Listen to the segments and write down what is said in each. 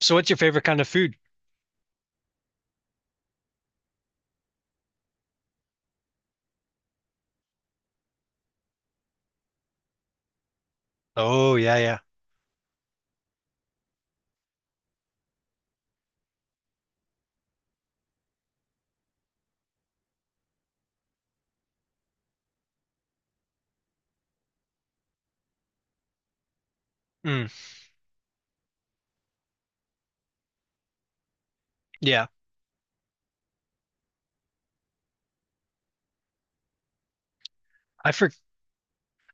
So what's your favorite kind of food? Oh yeah, yeah. Mm, yeah. I for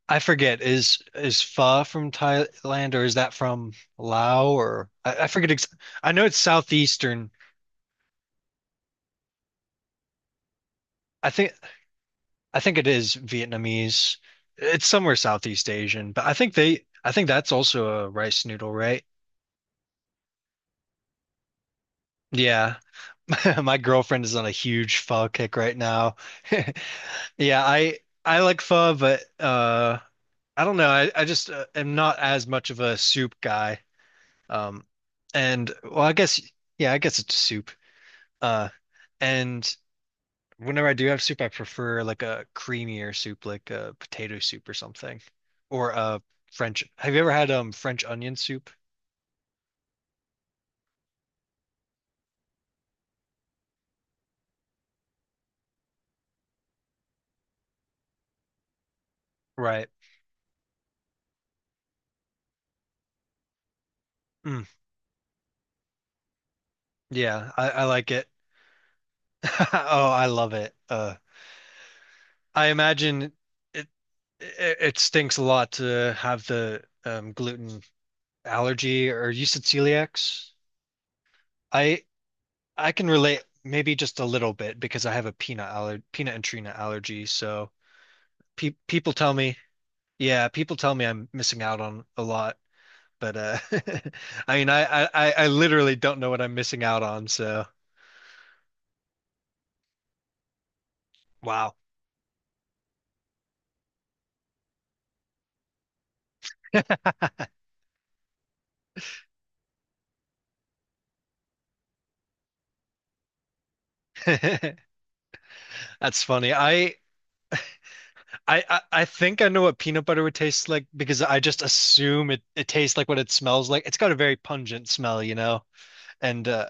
I forget. Is pho from Thailand or is that from Lao or I forget ex I know it's southeastern. I think I think it is Vietnamese. It's somewhere Southeast Asian, but I think that's also a rice noodle, right? Yeah. My girlfriend is on a huge pho kick right now. Yeah, I like pho, but I don't know. I just am not as much of a soup guy. Um, and well, I guess yeah, I guess it's soup. Uh, and whenever I do have soup, I prefer like a creamier soup, like a potato soup or something, or a French. Have you ever had French onion soup? Right. Mm, yeah, I like it. Oh, I love it. I imagine it, it stinks a lot to have the gluten allergy, or you said celiacs. I I can relate maybe just a little bit because I have a peanut and tree nut allergy. So pe people tell me, yeah, people tell me I'm missing out on a lot. But I mean, I literally don't know what I'm missing out on. So wow, that's funny. I think I know what peanut butter would taste like because I just assume it tastes like what it smells like. It's got a very pungent smell, you know, and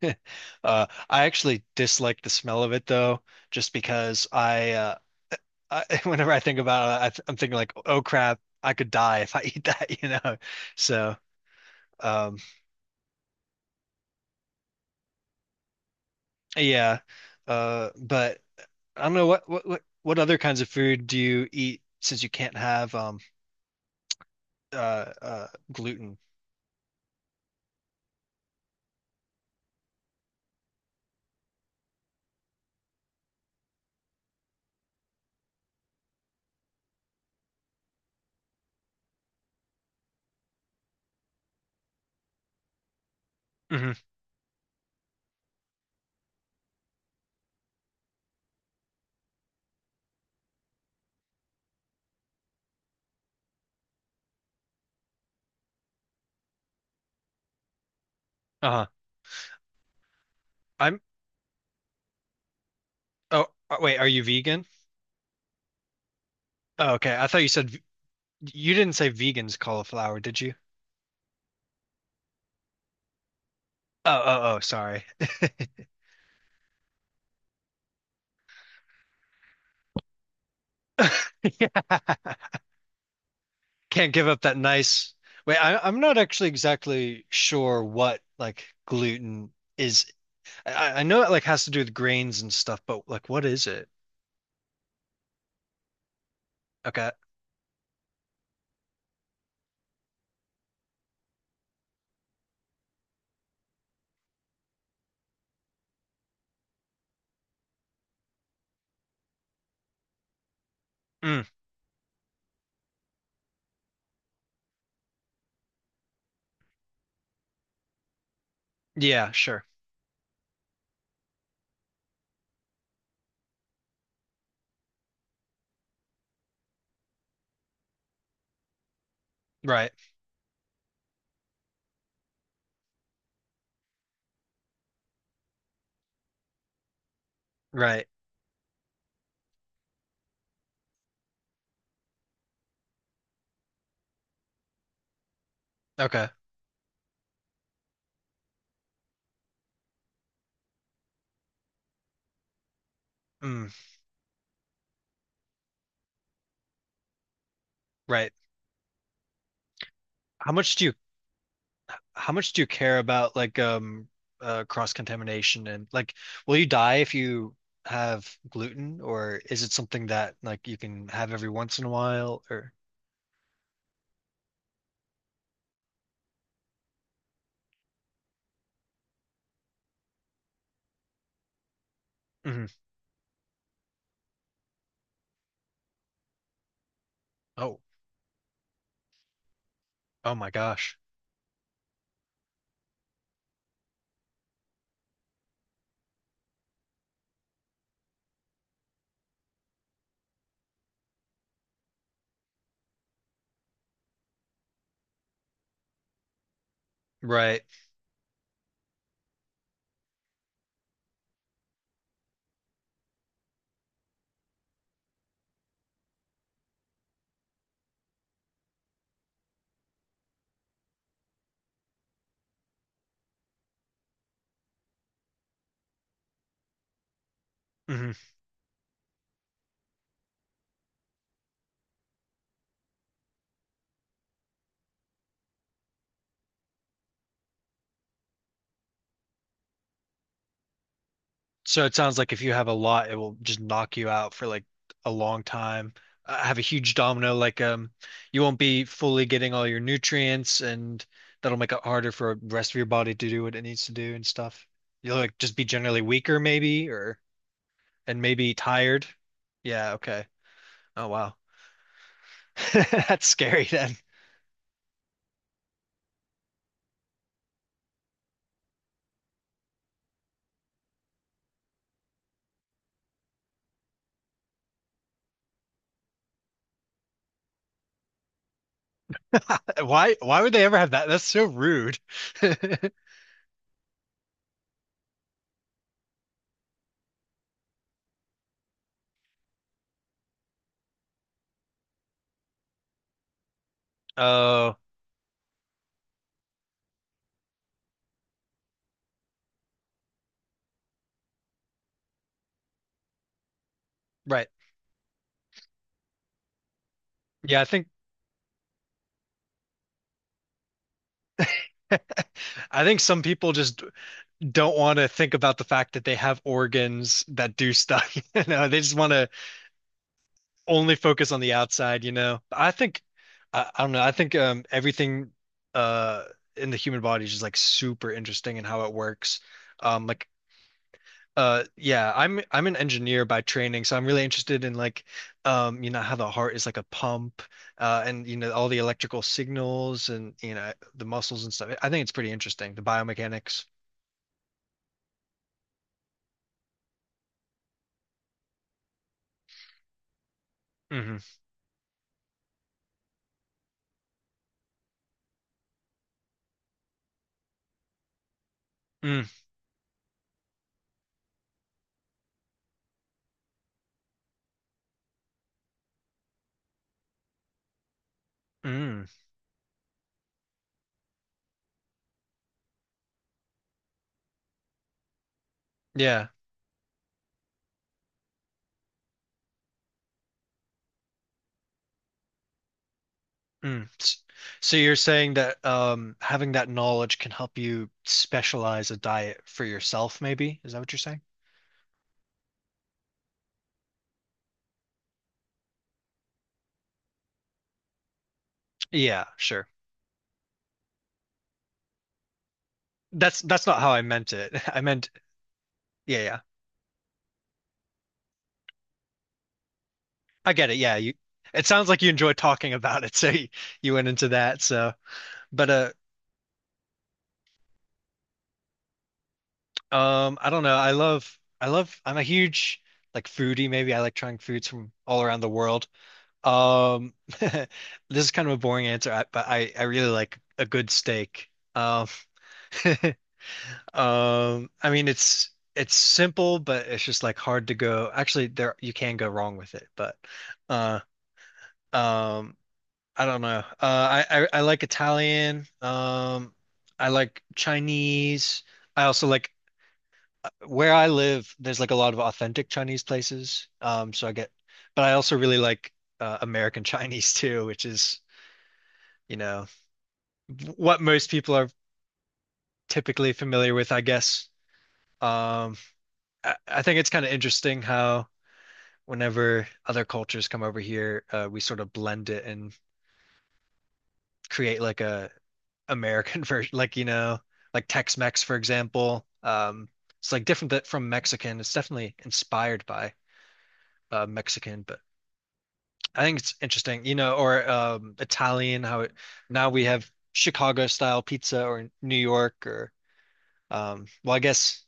I actually dislike the smell of it though, just because whenever I think about it, I'm thinking like, oh crap, I could die if I eat that, you know. So, um, yeah. But I don't know what other kinds of food do you eat since you can't have uh uh gluten? Hmm Uh-huh. I'm oh wait, are you vegan? Oh, okay. I thought you said you didn't say vegans cauliflower, did you? Oh, oh, oh, sorry. Yeah. Can't give up that nice. Wait, I'm not actually exactly sure what like gluten is. I know it like has to do with grains and stuff, but like what is it? Okay. Mm. Yeah, sure. Right. Right. Okay. Mm. Right. How much do you how much do you care about like cross contamination and like will you die if you have gluten, or is it something that like you can have every once in a while or Mhm. Oh, oh my gosh. Right. Mhm. So it sounds like if you have a lot, it will just knock you out for like a long time. Have a huge domino, like you won't be fully getting all your nutrients, and that'll make it harder for the rest of your body to do what it needs to do and stuff. You'll like just be generally weaker, maybe, or and maybe tired. Yeah, okay. Oh wow. That's scary then. Why would they ever have that? That's so rude. Oh, right. Yeah, I think some people just don't want to think about the fact that they have organs that do stuff. You know, they just want to only focus on the outside, you know. I think I don't know. I think everything uh in the human body is just like super interesting and how it works. Like yeah, I'm an engineer by training, so I'm really interested in like you know how the heart is like a pump and you know all the electrical signals and you know the muscles and stuff. I think it's pretty interesting, the biomechanics. Hmm Mm, mm. Yeah. Mm. So you're saying that having that knowledge can help you specialize a diet for yourself, maybe? Is that what you're saying? Yeah, sure. That's not how I meant it. I meant, yeah, yeah. I get it. Yeah, you. It sounds like you enjoy talking about it, so you went into that. So, but I don't know. I love. I'm a huge like foodie. Maybe I like trying foods from all around the world. Um, this is kind of a boring answer, but I really like a good steak. Um, I mean it's simple, but it's just like hard to go. Actually, there you can go wrong with it, but uh um I don't know. I like Italian. Um, I like Chinese. I also like where I live, there's like a lot of authentic Chinese places. So I get but I also really like American Chinese too, which is, you know, what most people are typically familiar with, I guess. Um I think it's kind of interesting how whenever other cultures come over here, we sort of blend it and create like a American version, like you know, like Tex-Mex, for example. It's like different th from Mexican. It's definitely inspired by Mexican, but I think it's interesting, you know, or Italian. How it now we have Chicago style pizza or New York or um, well, I guess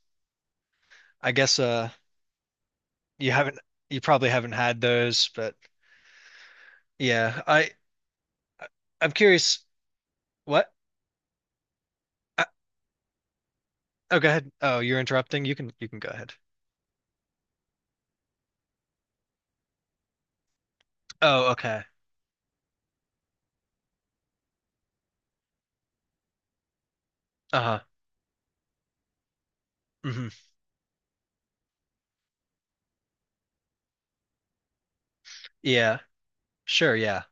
I guess uh, you haven't you probably haven't had those, but yeah, I'm curious. What? Oh, go ahead. Oh, you're interrupting. You can go ahead. Oh, okay. Uh-huh. hmm Yeah. Sure, yeah.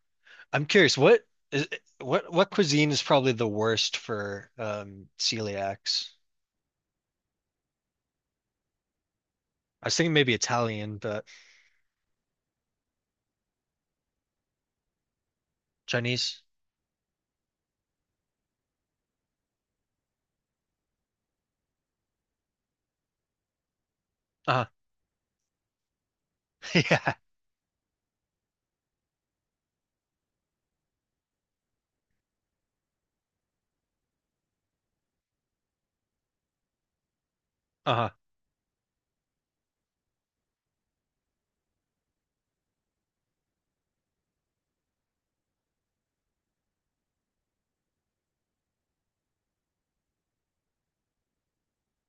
I'm curious, is what cuisine is probably the worst for celiacs? I was thinking maybe Italian, but Chinese. Uh-huh. Yeah. Uh-huh.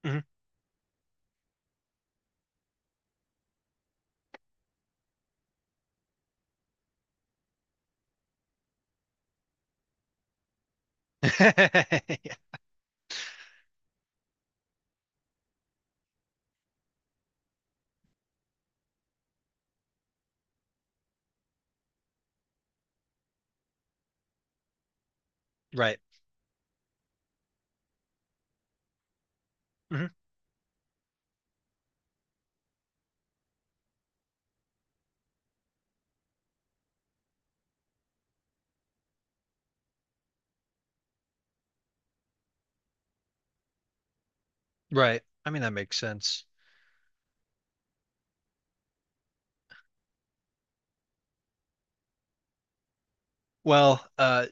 Mhm. Right. hmm Right. I mean that makes sense. Well,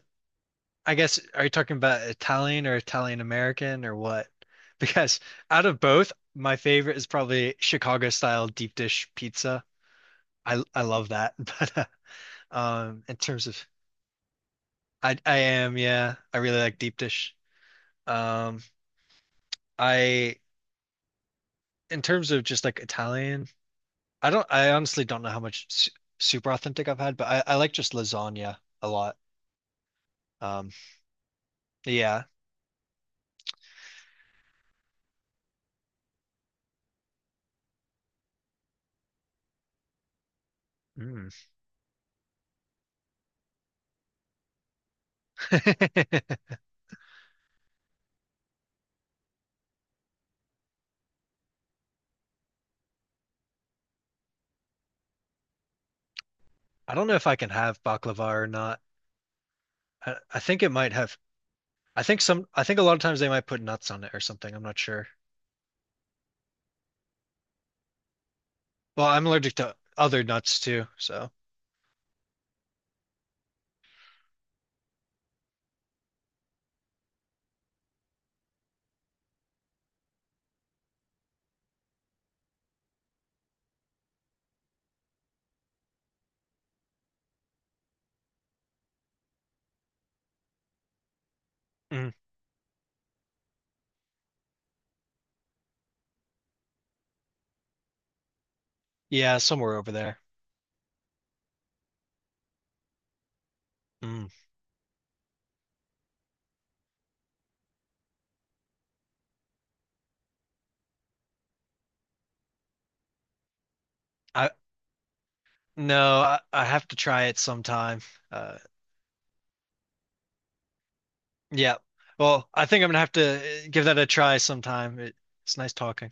I guess, are you talking about Italian or Italian American or what? Because out of both, my favorite is probably Chicago style deep dish pizza. I love that. But in terms of, I am yeah, I really like deep dish. Um, I in terms of just like Italian, I honestly don't know how much su super authentic I've had, but I like just lasagna a lot. Um, yeah. Mm. I don't know if I can have baklava or not. I think it might have. I think a lot of times they might put nuts on it or something. I'm not sure. Well, I'm allergic to other nuts too, so mm. Yeah, somewhere over there. Mm. I no, I have to try it sometime. Uh yeah. Well, I think I'm gonna have to give that a try sometime. It, it's nice talking.